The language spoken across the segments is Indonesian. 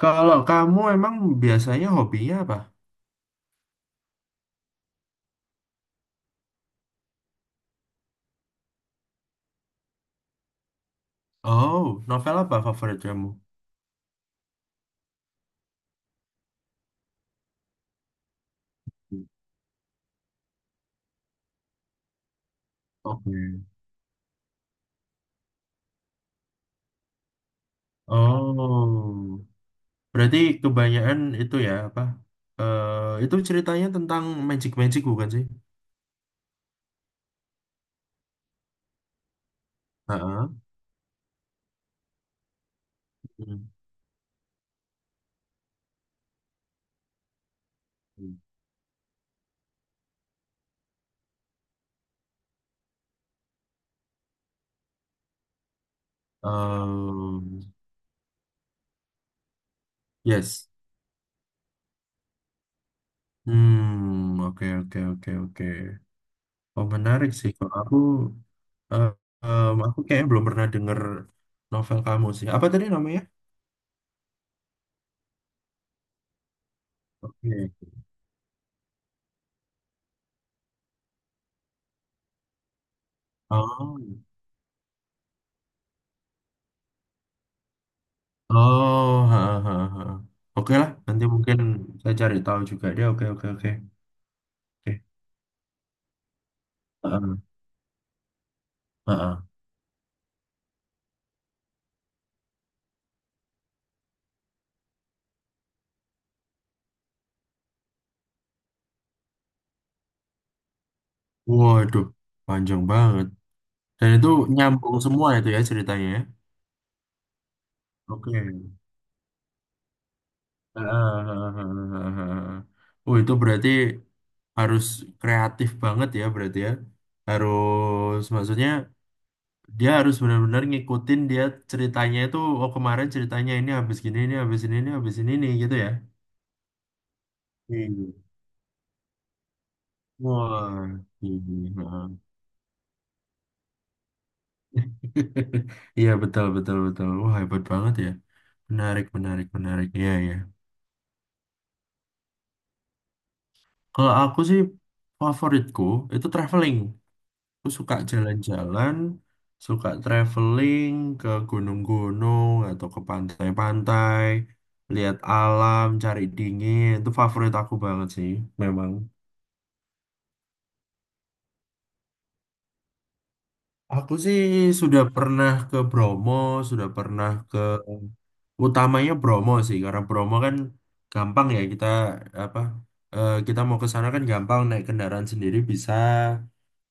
Kalau kamu emang biasanya hobinya apa? Oh, novel apa favorit kamu? Oke. Oh, berarti kebanyakan itu ya apa? Eh, itu ceritanya tentang magic-magic bukan sih? Heeh. Hmm. Um, yes. Hmm, oke, oke, oke, oke. Oh, menarik sih. Kalau aku, eh, aku kayaknya belum pernah denger novel kamu sih. Apa tadi namanya? Oke. Oh. Oh, ha, ha, ha. Oke lah, nanti mungkin saya cari tahu juga dia. Oke, oke, oke, oke. Ha, ha. Waduh, panjang banget. Dan itu nyambung semua itu ya ceritanya, ya? Oke. Ha, ha, ha, ha, ha, ha, ha. Oh, itu berarti harus kreatif banget ya, berarti ya. Harus, maksudnya dia harus benar-benar ngikutin dia ceritanya itu. Oh, kemarin ceritanya ini habis gini, ini habis ini habis ini gitu ya. Iya. Wah, iya. Iya, betul, betul, betul. Wah, hebat banget ya. Menarik, menarik, menarik. Iya, iya. Kalau aku sih favoritku itu traveling. Aku suka jalan-jalan, suka traveling ke gunung-gunung atau ke pantai-pantai, lihat alam, cari dingin. Itu favorit aku banget sih, memang. Aku sih sudah pernah ke Bromo, sudah pernah ke utamanya Bromo sih, karena Bromo kan gampang ya kita apa kita mau ke sana kan gampang, naik kendaraan sendiri bisa,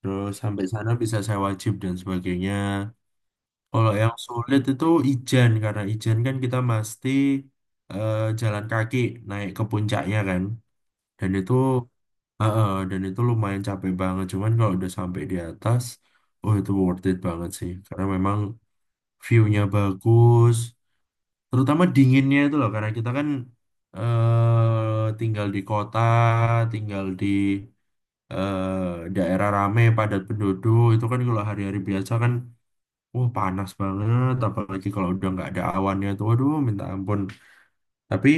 terus sampai sana bisa sewa jeep dan sebagainya. Kalau yang sulit itu Ijen, karena Ijen kan kita mesti jalan kaki naik ke puncaknya kan, dan itu heeh, dan itu lumayan capek banget. Cuman kalau udah sampai di atas, oh itu worth it banget sih. Karena memang view-nya bagus. Terutama dinginnya itu loh. Karena kita kan eh tinggal di kota, tinggal di daerah rame, padat penduduk. Itu kan kalau hari-hari biasa kan, wah panas banget. Apalagi kalau udah nggak ada awannya tuh, aduh minta ampun. Tapi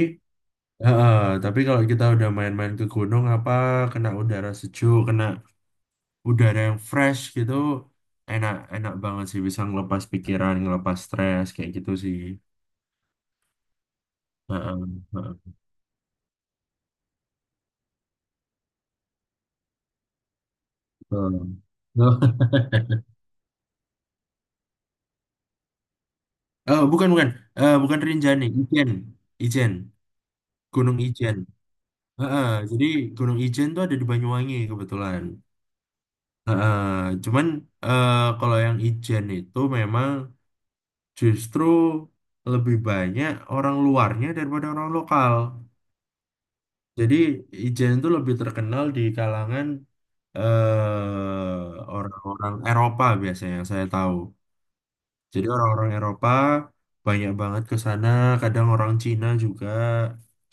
heeh, tapi kalau kita udah main-main ke gunung apa, kena udara sejuk, kena udah ada yang fresh gitu, enak, enak banget sih, bisa ngelepas pikiran, ngelepas stres kayak gitu sih. Heeh, heeh, betul. Eh, bukan bukan bukan Rinjani, Ijen. Ijen. Gunung Ijen. Heeh, jadi Gunung Ijen tuh ada di Banyuwangi kebetulan. Heeh, cuman kalau yang Ijen itu memang justru lebih banyak orang luarnya daripada orang lokal. Jadi Ijen itu lebih terkenal di kalangan eh, orang-orang Eropa biasanya yang saya tahu. Jadi orang-orang Eropa banyak banget ke sana, kadang orang Cina juga.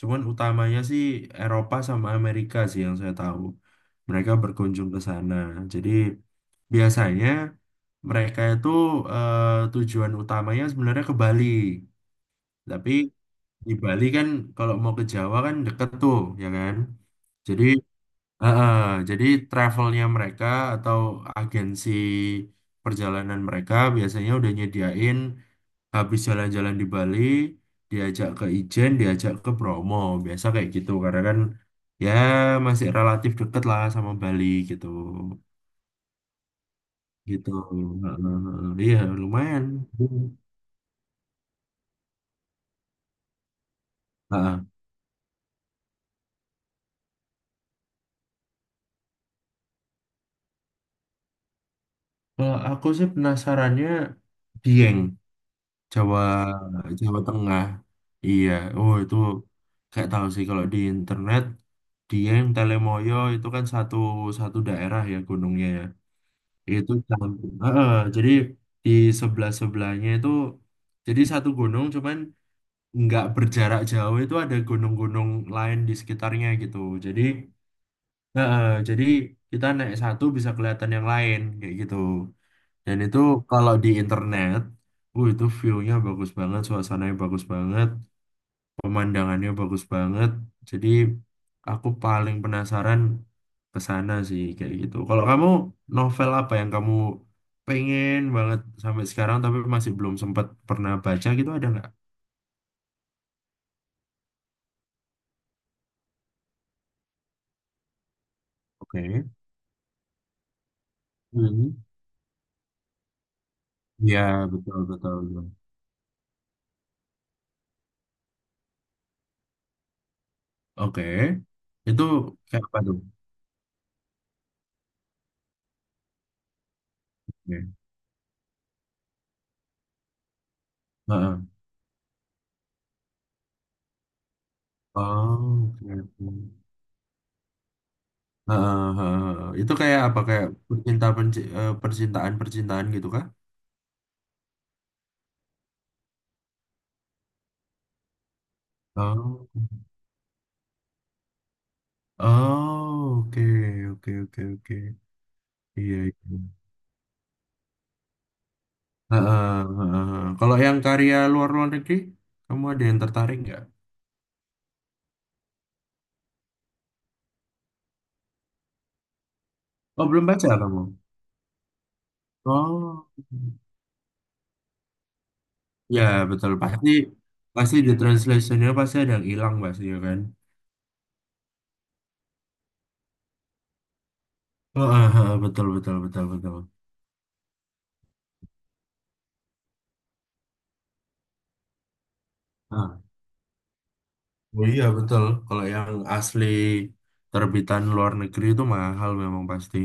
Cuman utamanya sih Eropa sama Amerika sih yang saya tahu. Mereka berkunjung ke sana. Jadi biasanya mereka itu eh, tujuan utamanya sebenarnya ke Bali. Tapi di Bali kan kalau mau ke Jawa kan deket tuh, ya kan? Jadi heeh, jadi travelnya mereka atau agensi perjalanan mereka biasanya udah nyediain, habis jalan-jalan di Bali, diajak ke Ijen, diajak ke Bromo, biasa kayak gitu karena kan ya masih relatif deket lah sama Bali gitu, gitu. Heeh, heeh. Iya, lumayan. Heeh. Kalau aku sih penasarannya Dieng. Jawa, Jawa Tengah. Iya, oh itu kayak tahu sih, kalau di internet Dieng Telemoyo itu kan satu, satu daerah ya gunungnya ya. Itu campur. Heeh, jadi di sebelah sebelahnya itu jadi satu gunung, cuman nggak berjarak jauh itu ada gunung-gunung lain di sekitarnya gitu. Jadi heeh, jadi kita naik satu bisa kelihatan yang lain kayak gitu. Dan itu kalau di internet, itu view-nya bagus banget, suasananya bagus banget, pemandangannya bagus banget. Jadi aku paling penasaran ke sana sih kayak gitu. Kalau kamu, novel apa yang kamu pengen banget sampai sekarang tapi masih belum sempat pernah baca gitu, ada nggak? Oke. Hmm. Ya, betul, betul, betul. Oke. Itu kayak apa tuh? Oke. Heeh. Oh, oke, oke. Heeh, heeh, heeh. Itu kayak apa? Kayak percintaan, percintaan, percintaan gitu kah? Oh, oh, oke, oke, oke, oke. Iya, iya. Heeh, heeh, heeh. Kalau yang karya luar, luar negeri, kamu ada yang tertarik nggak? Oh, belum baca kamu? Oh, ya betul. Pasti, pasti di translationnya pasti ada yang hilang pasti ya kan? Heeh, heeh, betul, betul, betul, betul. Oh iya betul, kalau yang asli terbitan luar negeri itu mahal memang pasti.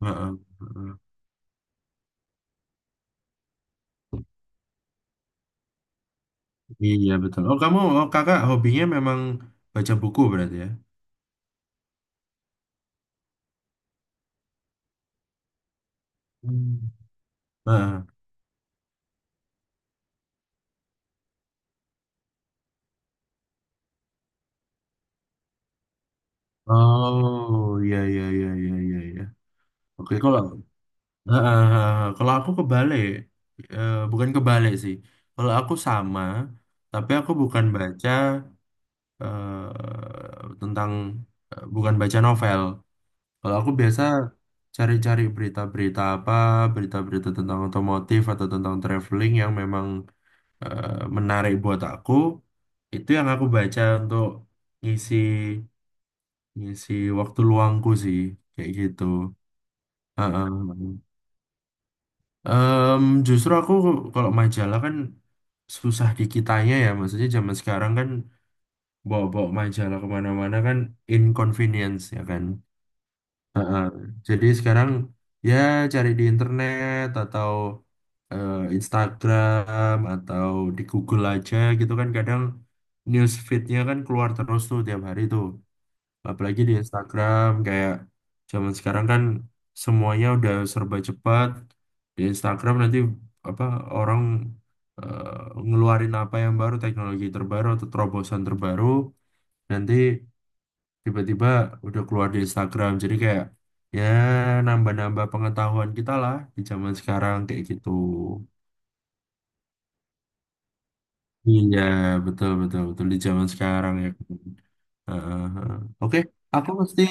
Heeh, heeh. Iya betul. Oh kamu, oh, kakak hobinya memang baca buku berarti ya? Hmm. Heeh. Oh iya, iya, iya, iya, iya, iya. Oke, kalau heeh, heeh, heeh, kalau aku kebalik. Eh, bukan kebalik sih. Kalau aku sama, tapi aku bukan baca eh, tentang bukan baca novel. Kalau aku biasa cari-cari berita-berita apa, berita-berita tentang otomotif atau tentang traveling yang memang menarik buat aku, itu yang aku baca untuk ngisi ngisi waktu luangku sih, kayak gitu. Heeh. Justru aku kalau majalah kan susah dikitanya ya, maksudnya zaman sekarang kan bawa-bawa majalah kemana-mana kan inconvenience ya kan. Heeh. Jadi sekarang ya cari di internet atau Instagram atau di Google aja gitu kan, kadang news feed-nya kan keluar terus tuh tiap hari tuh. Apalagi di Instagram kayak zaman sekarang kan semuanya udah serba cepat. Di Instagram nanti apa orang ngeluarin apa yang baru, teknologi terbaru atau terobosan terbaru, nanti tiba-tiba udah keluar di Instagram jadi kayak ya nambah-nambah pengetahuan kita lah di zaman sekarang kayak gitu. Iya, betul, betul, betul di zaman sekarang ya. Heeh, heeh. Oke, aku mesti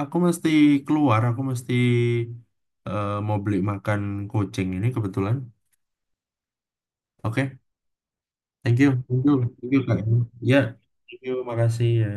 aku mesti keluar, aku mesti mau beli makan kucing ini kebetulan. Oke, thank you, thank you, thank you Kak, ya, thank you, makasih ya.